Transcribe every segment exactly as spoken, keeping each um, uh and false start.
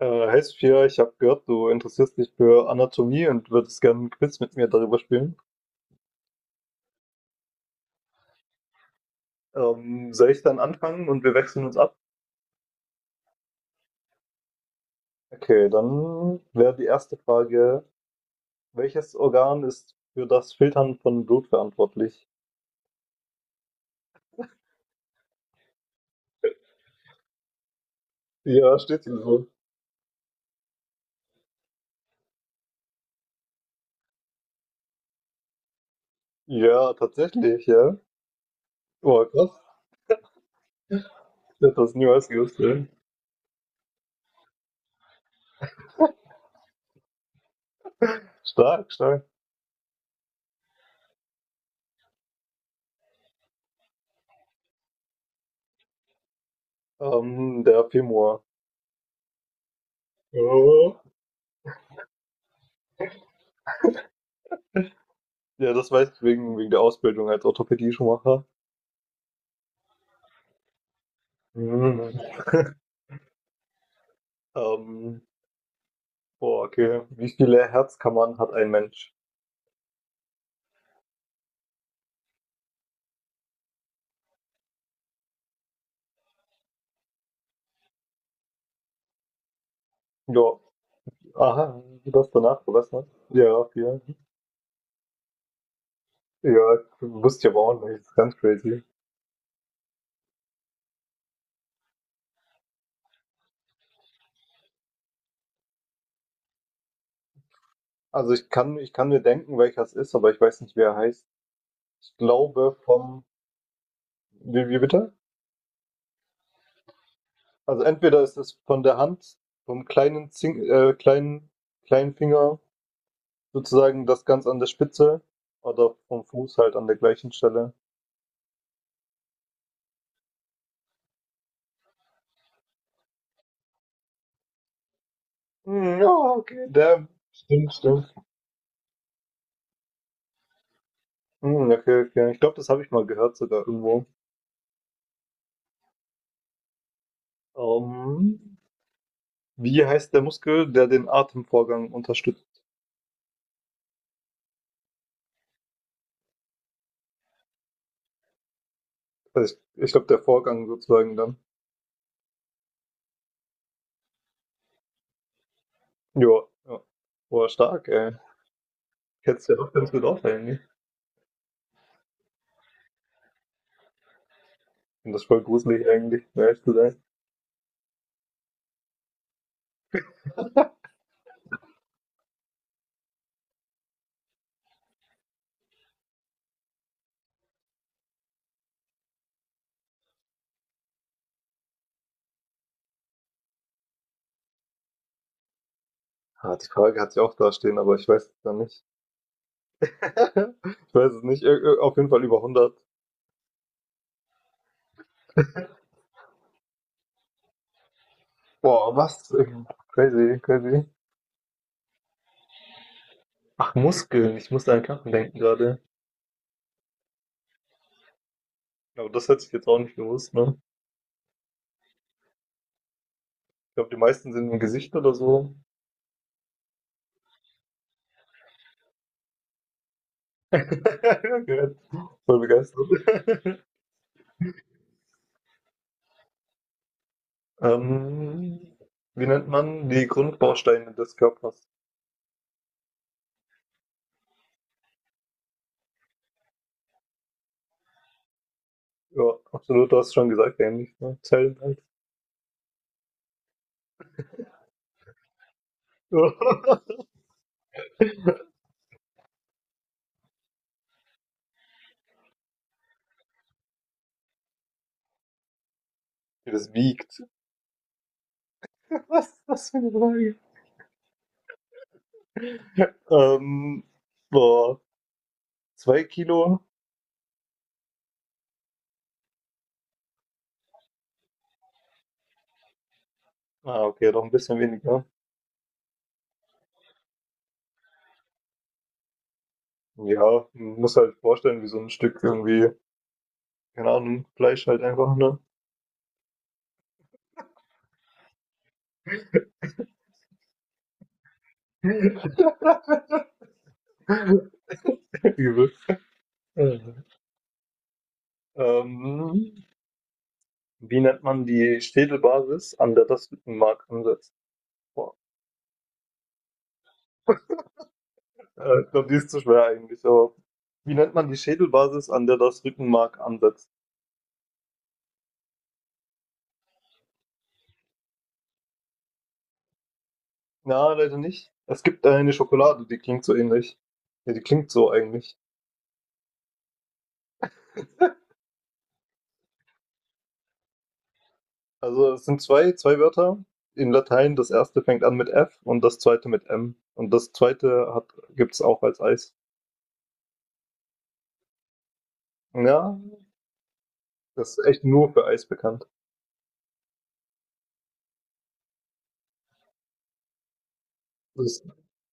Äh, hey Sophia, ich habe gehört, du interessierst dich für Anatomie und würdest gerne ein Quiz mit mir darüber spielen. Ähm, soll ich dann anfangen und wir wechseln uns ab? Okay, dann wäre die erste Frage, welches Organ ist für das Filtern von Blut verantwortlich? Ja, steht hier so. Ja, tatsächlich, ja. Oh, krass. Ich hätte das niemals gewusst. Ja. Stark, stark. Ähm, der Femur. Ja. Ja, das weiß ich wegen, wegen der Ausbildung als Orthopädie-Schuhmacher. Mhm. Ähm, Boah, okay. Wie viele Herzkammern hat ein Mensch? Ja, aha, du hast danach verbessert. Ja, vier. Ja, wusste ich aber auch nicht. Das ist ganz crazy. Also ich kann, ich kann mir denken, welcher es ist, aber ich weiß nicht, wer er heißt. Ich glaube vom, wie, wie bitte? Also entweder ist es von der Hand, vom kleinen, Zing, äh, kleinen, kleinen Finger, sozusagen das ganz an der Spitze, oder vom Fuß halt an der gleichen Stelle. Hm, Ja, okay. Der, stimmt, stimmt. Hm, okay, okay. Ich glaube, das habe ich mal gehört sogar irgendwo. Ähm, wie heißt der Muskel, der den Atemvorgang unterstützt? Also ich ich glaube, der Vorgang sozusagen dann. Jo, ja. Boah, stark, ey. Kennst du ja auch ganz gut aus eigentlich. Ich finde das ist voll gruselig eigentlich, um ehrlich zu sein. Ah, die Frage hat sie auch da stehen, aber ich weiß es dann nicht. Ich weiß es nicht. Ir- ir- Auf jeden Fall über hundert. Boah, was? Crazy, crazy. Ach, Muskeln. Ich musste an Knochen denken gerade. Aber das hätte ich jetzt auch nicht gewusst, ne? Ich glaube, die meisten sind im Gesicht oder so. Ja, gehört. Voll begeistert. Ähm, wie nennt man die Grundbausteine des Körpers? Ja, absolut, du hast schon gesagt, ähnlich. Ne? Zellen halt. Ja. Wie das wiegt. Was, was für eine Frage. Ähm, boah, zwei Kilo. Ah, okay, doch ein bisschen weniger. Ja, man muss halt vorstellen, wie so ein Stück irgendwie, keine Ahnung, Fleisch halt einfach, ne? Übel. Ähm, Wie nennt man die Schädelbasis, an der das Rückenmark ansetzt? Boah, äh, ich glaube, die ist zu schwer eigentlich, aber wie nennt man die Schädelbasis, an der das Rückenmark ansetzt? Na, leider nicht. Es gibt eine Schokolade, die klingt so ähnlich. Ja, die klingt so eigentlich. Also es sind zwei, zwei Wörter in Latein. Das erste fängt an mit F und das zweite mit M. Und das zweite hat, gibt's auch als Eis. Ja, das ist echt nur für Eis bekannt. Das ist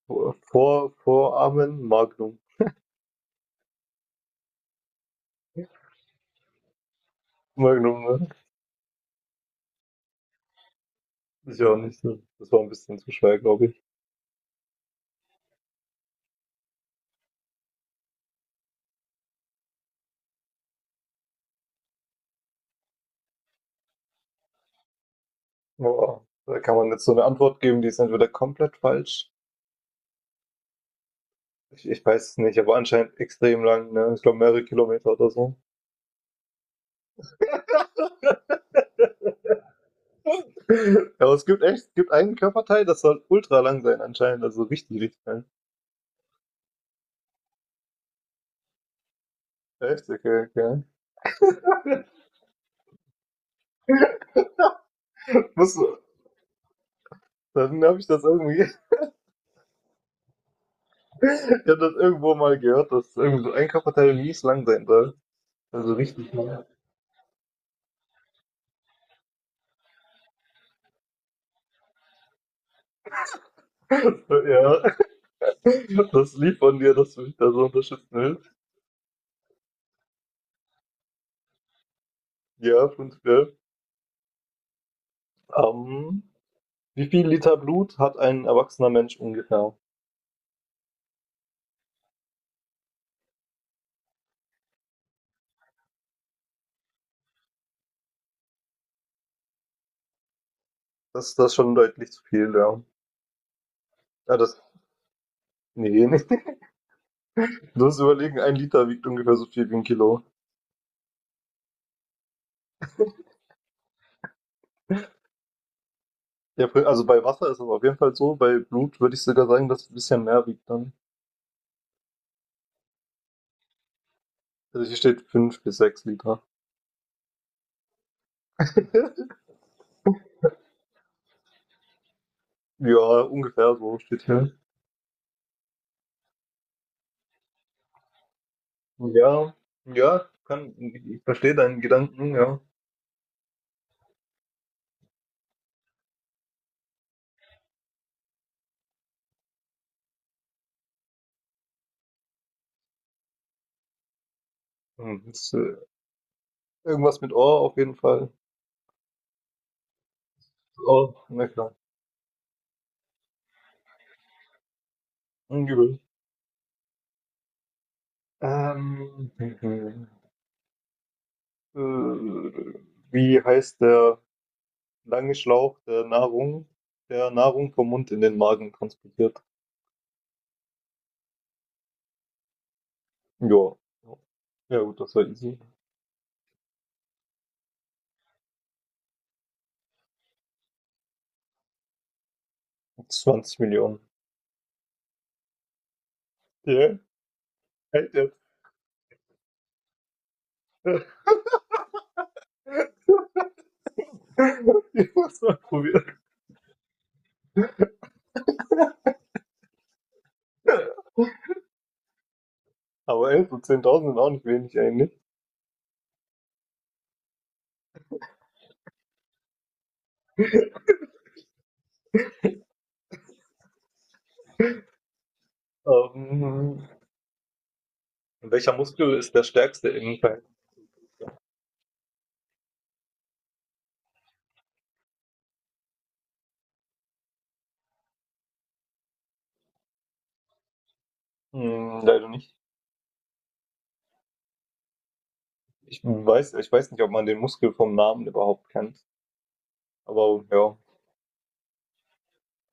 vor, vor Voramen Magnum. Magnum, ne? Ist ja auch nicht so. Das war ein bisschen zu schwer, glaube ich. Boah, da kann man jetzt so eine Antwort geben, die ist entweder komplett falsch. Ich, ich weiß es nicht, aber anscheinend extrem lang, ne? Ich glaube mehrere Kilometer oder so. aber es gibt echt, es gibt einen Körperteil, das soll ultra lang sein anscheinend, also richtig, richtig lang. Echt? Okay, okay. Muss, dann habe ich das irgendwie, ich habe das irgendwo mal gehört, dass irgendwie so ein Körperteil mies lang sein soll. Also richtig lang. Ja, das Lied von dir, das mich da so unterstützen will. Ja, prinzipiell. Ähm, Wie viel Liter Blut hat ein erwachsener Mensch ungefähr? Das, das ist schon deutlich zu viel, ja. Ah, das, nee, nicht. Du musst überlegen, ein Liter wiegt ungefähr so viel wie ein Kilo. Ja, also bei Wasser ist es auf jeden Fall so, bei Blut würde ich sogar sagen, dass es ein bisschen mehr wiegt dann. Also hier steht fünf bis sechs Liter. ja, ungefähr so steht hier. Ja, ja, kann, ich verstehe deinen Gedanken, ja. Hm, ist, äh, irgendwas mit Ohr auf jeden Fall. Ohr, na klar. Hm, Übel. Ähm, hm, hm. Äh, wie heißt der lange Schlauch der Nahrung, der Nahrung vom Mund in den Magen transportiert? Ja. Ja gut, das war easy. zwanzig Millionen. Ja, halt jetzt. Ich muss mal probieren. Aber elf und zehntausend sind auch nicht wenig eigentlich. Ähm, welcher Muskel ist der stärkste im Verhältnis? Hm, leider nicht. Ich weiß, ich weiß nicht, ob man den Muskel vom Namen überhaupt kennt. Aber ja,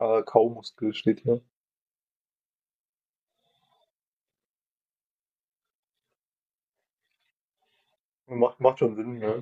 äh, Kaumuskel steht hier. Macht, macht schon Sinn, ja.